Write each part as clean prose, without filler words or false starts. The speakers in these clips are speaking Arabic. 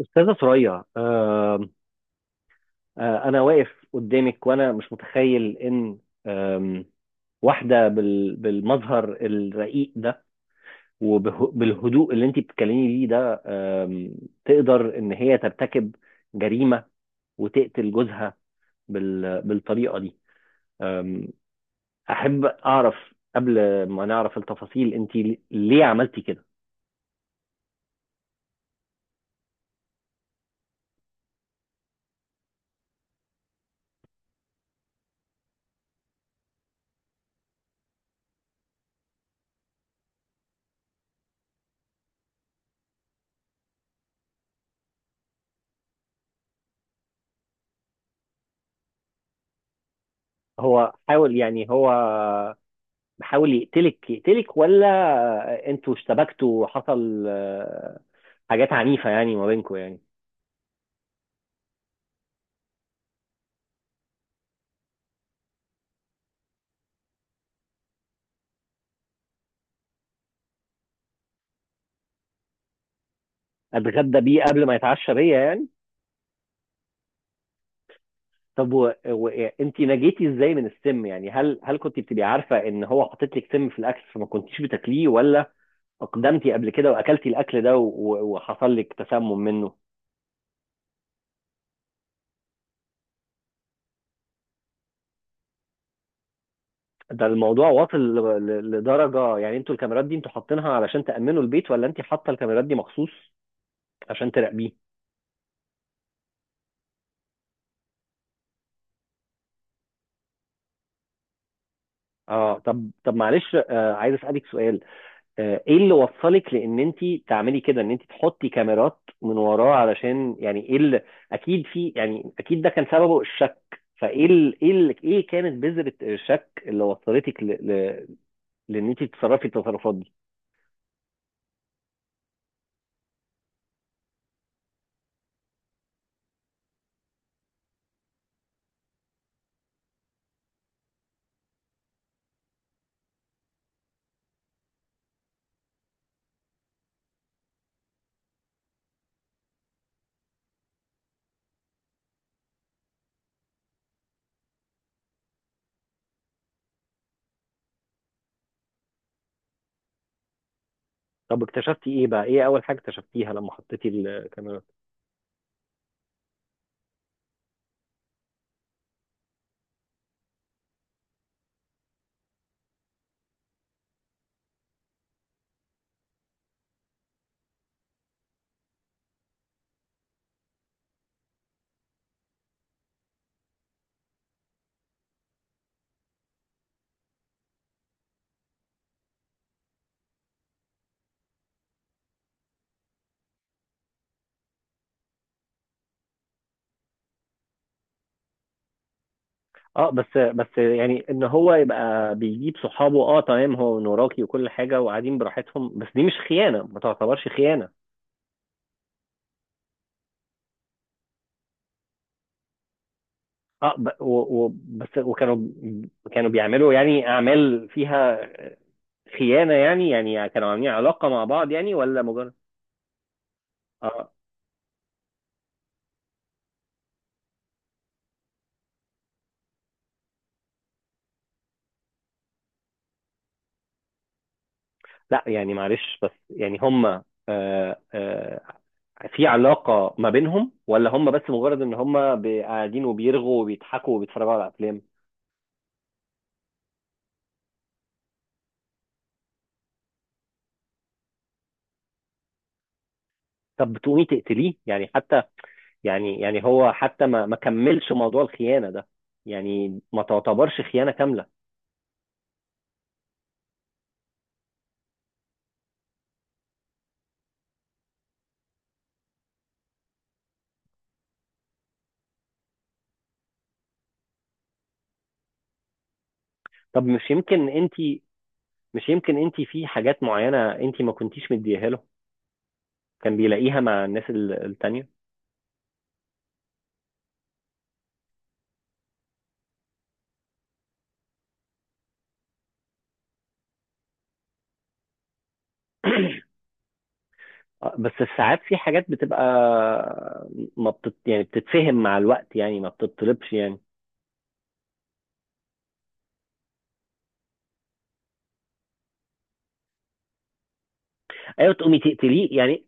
أستاذة ثريا، أنا واقف قدامك وأنا مش متخيل إن آم، واحدة بالمظهر الرقيق ده وبالهدوء اللي أنت بتتكلمي بيه ده، آم، تقدر إن هي ترتكب جريمة وتقتل جوزها بالطريقة دي. آم، أحب أعرف قبل ما نعرف التفاصيل، أنت ليه عملتي كده؟ هو حاول، يعني هو بحاول يقتلك، ولا انتوا اشتبكتوا حصل حاجات عنيفة يعني ما بينكم؟ يعني اتغدى بيه قبل ما يتعشى بيا يعني. طب، وانت نجيتي ازاي من السم؟ يعني هل كنت بتبقي عارفة ان هو حاطط لك سم في الاكل فما كنتيش بتاكليه، ولا اقدمتي قبل كده واكلتي الاكل ده وحصل لك تسمم منه؟ ده الموضوع واصل لدرجة؟ يعني انتوا الكاميرات دي انتوا حاطينها علشان تأمنوا البيت، ولا انت حاطة الكاميرات دي مخصوص عشان تراقبيه؟ اه، طب، معلش، عايز اسالك سؤال. ايه اللي وصلك لان انت تعملي كده، ان انت تحطي كاميرات من وراه؟ علشان يعني ايه اللي اكيد في، يعني اكيد ده كان سببه الشك. فايه ايه ايه كانت بذرة الشك اللي وصلتك لان انت تتصرفي التصرفات دي؟ طب، اكتشفتي ايه بقى؟ ايه اول حاجة اكتشفتيها لما حطيتي الكاميرات؟ اه، بس يعني ان هو يبقى بيجيب صحابه، اه تمام، هو من وراكي وكل حاجة، وقاعدين براحتهم، بس دي مش خيانة، ما تعتبرش خيانة. اه بس، وكانوا كانوا بيعملوا يعني اعمال فيها خيانه يعني كانوا عاملين علاقه مع بعض، يعني؟ ولا مجرد... اه لا يعني، معلش بس، يعني هم آه آه في علاقه ما بينهم، ولا هم بس مجرد ان هم قاعدين وبيرغوا وبيضحكوا وبيتفرجوا على افلام؟ طب بتقومي تقتليه يعني؟ حتى يعني، هو حتى ما كملش موضوع الخيانه ده، يعني ما تعتبرش خيانه كامله. طب، مش يمكن انت في حاجات معينة انت ما كنتيش مديها له، كان بيلاقيها مع الناس التانية؟ بس ساعات في حاجات بتبقى ما بتت... يعني بتتفهم مع الوقت، يعني ما بتطلبش يعني. ايوه، تقومي تقتليه يعني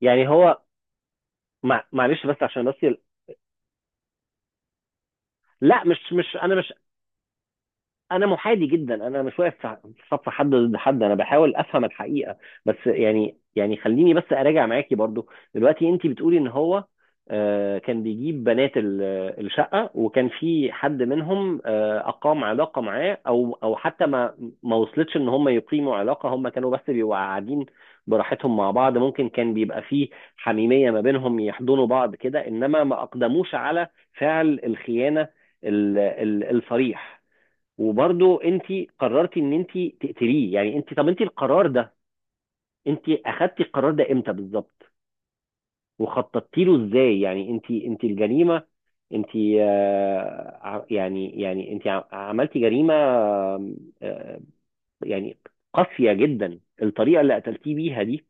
يعني هو معلش بس، عشان بس. لا، مش انا، مش انا محايد جدا، انا مش واقف في صف حد ضد حد، انا بحاول افهم الحقيقه. بس يعني، خليني بس اراجع معاكي برضو. دلوقتي انت بتقولي ان هو كان بيجيب بنات الشقه، وكان في حد منهم اقام علاقه معاه، او حتى ما وصلتش ان هم يقيموا علاقه، هم كانوا بس بيبقوا قاعدين براحتهم مع بعض، ممكن كان بيبقى فيه حميميه ما بينهم، يحضنوا بعض كده، انما ما اقدموش على فعل الخيانه الصريح. وبرضه انت قررتي ان انت تقتليه يعني؟ انت، طب انت القرار ده انت اخدتي القرار ده امتى بالظبط؟ وخططتي له ازاي؟ يعني انت الجريمه، انت يعني انت عملتي جريمه، آه، يعني قاسيه جدا الطريقه اللي قتلتيه بيها دي.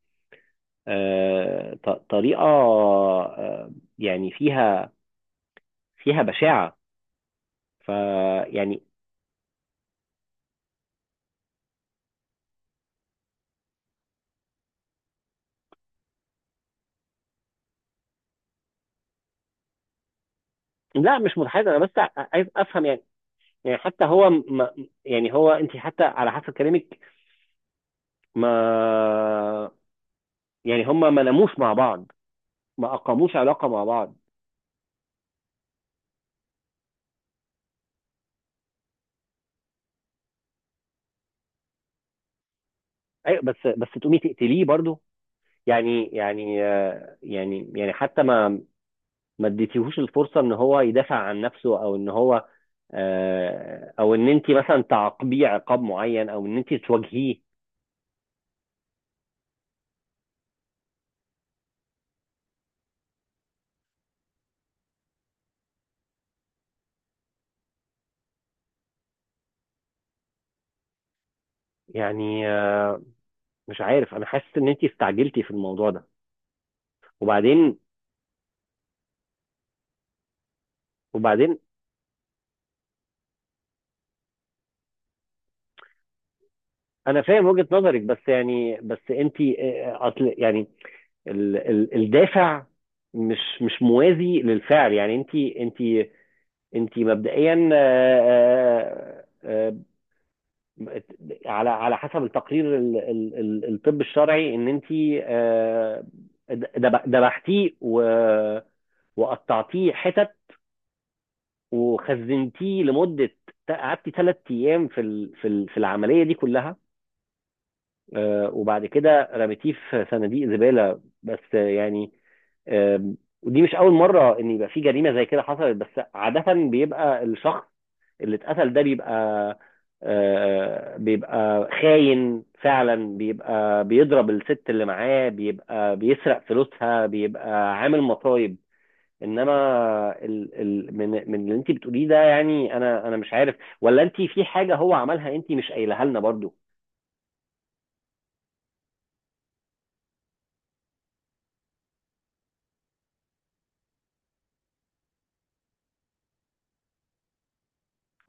طريقه يعني فيها فيها بشاعه. فيعني... لا مش متحيز، انا بس عايز افهم يعني. حتى هو ما يعني، هو انت حتى على حسب كلامك ما، يعني هما ما ناموش مع بعض، ما اقاموش علاقه مع بعض. ايوه، بس تقومي تقتليه برضو؟ يعني، يعني حتى ما اديتيهوش الفرصه ان هو يدافع عن نفسه، او ان هو او ان انت مثلا تعاقبيه عقاب معين، او ان انت تواجهيه. يعني مش عارف، انا حاسس ان انت استعجلتي في الموضوع ده. وبعدين، وبعدين انا فاهم وجهة نظرك، بس يعني، بس انت اصل يعني ال ال الدافع مش موازي للفعل. يعني، انت مبدئيا، آه، على حسب التقرير الطب الشرعي ان انت آه، دبحتيه وقطعتيه حتت، وخزنتيه لمدة، قعدتي 3 ايام في العملية دي كلها، وبعد كده رميتيه في صناديق زبالة بس. آه، يعني آم، ودي مش أول مرة إن يبقى في جريمة زي كده حصلت، بس عادة بيبقى الشخص اللي اتقتل ده بيبقى بيبقى خاين فعلا، بيبقى بيضرب الست اللي معاه، بيبقى بيسرق فلوسها، بيبقى عامل مصايب، انما ال ال من اللي انت بتقوليه ده، يعني انا مش عارف ولا انت في حاجه هو عملها انت مش قايلها لنا برضو.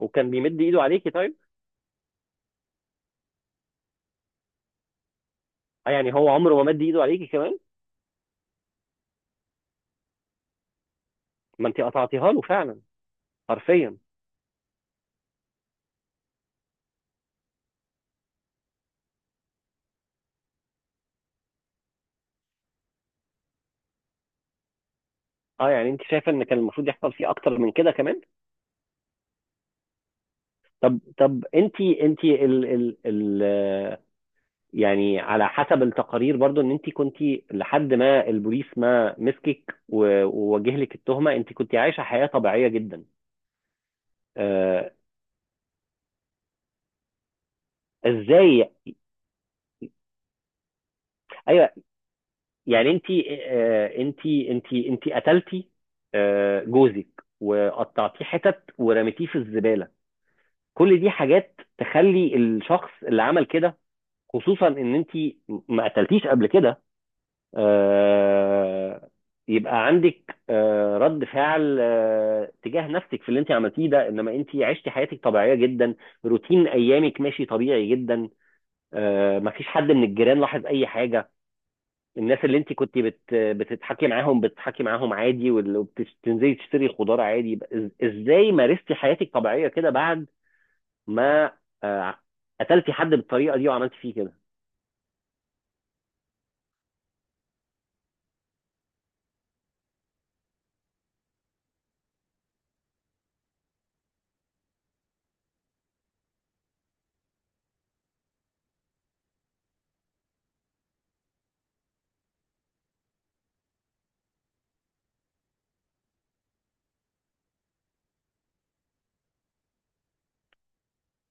وكان بيمد ايده عليكي طيب؟ اه، يعني هو عمره ما مد ايده عليكي كمان، ما انت قطعتيها له فعلا، حرفيا. اه يعني انت شايفه ان كان المفروض يحصل فيه اكتر من كده كمان؟ طب، انت ال ال ال يعني على حسب التقارير برضو، ان انت كنت لحد ما البوليس ما مسكك ووجه لك التهمه، انت كنت عايشه حياه طبيعيه جدا. آه، ازاي؟ ايوه، يعني انت انت قتلتي جوزك وقطعتيه حتت ورميتيه في الزباله، كل دي حاجات تخلي الشخص اللي عمل كده، خصوصا ان انت ما قتلتيش قبل كده، آه، يبقى عندك رد فعل تجاه نفسك في اللي انت عملتيه ده. انما انت عشتي حياتك طبيعيه جدا، روتين ايامك ماشي طبيعي جدا، ما فيش حد من الجيران لاحظ اي حاجه، الناس اللي انت كنت بتتحكي معاهم، بتتحكي معاهم عادي، وبتنزلي تشتري خضار عادي. يبقى ازاي مارستي حياتك طبيعيه كده بعد ما آه، قتلتي حد بالطريقه دي وعملتي فيه كده؟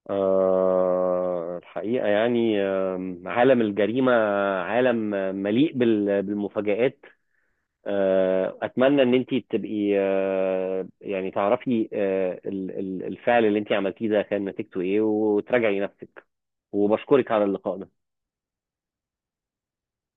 الحقيقه يعني، عالم الجريمه عالم مليء بالمفاجآت. اتمنى ان انت تبقي يعني تعرفي الفعل اللي انت عملتيه ده كان نتيجته ايه، وتراجعي نفسك. وبشكرك على اللقاء ده.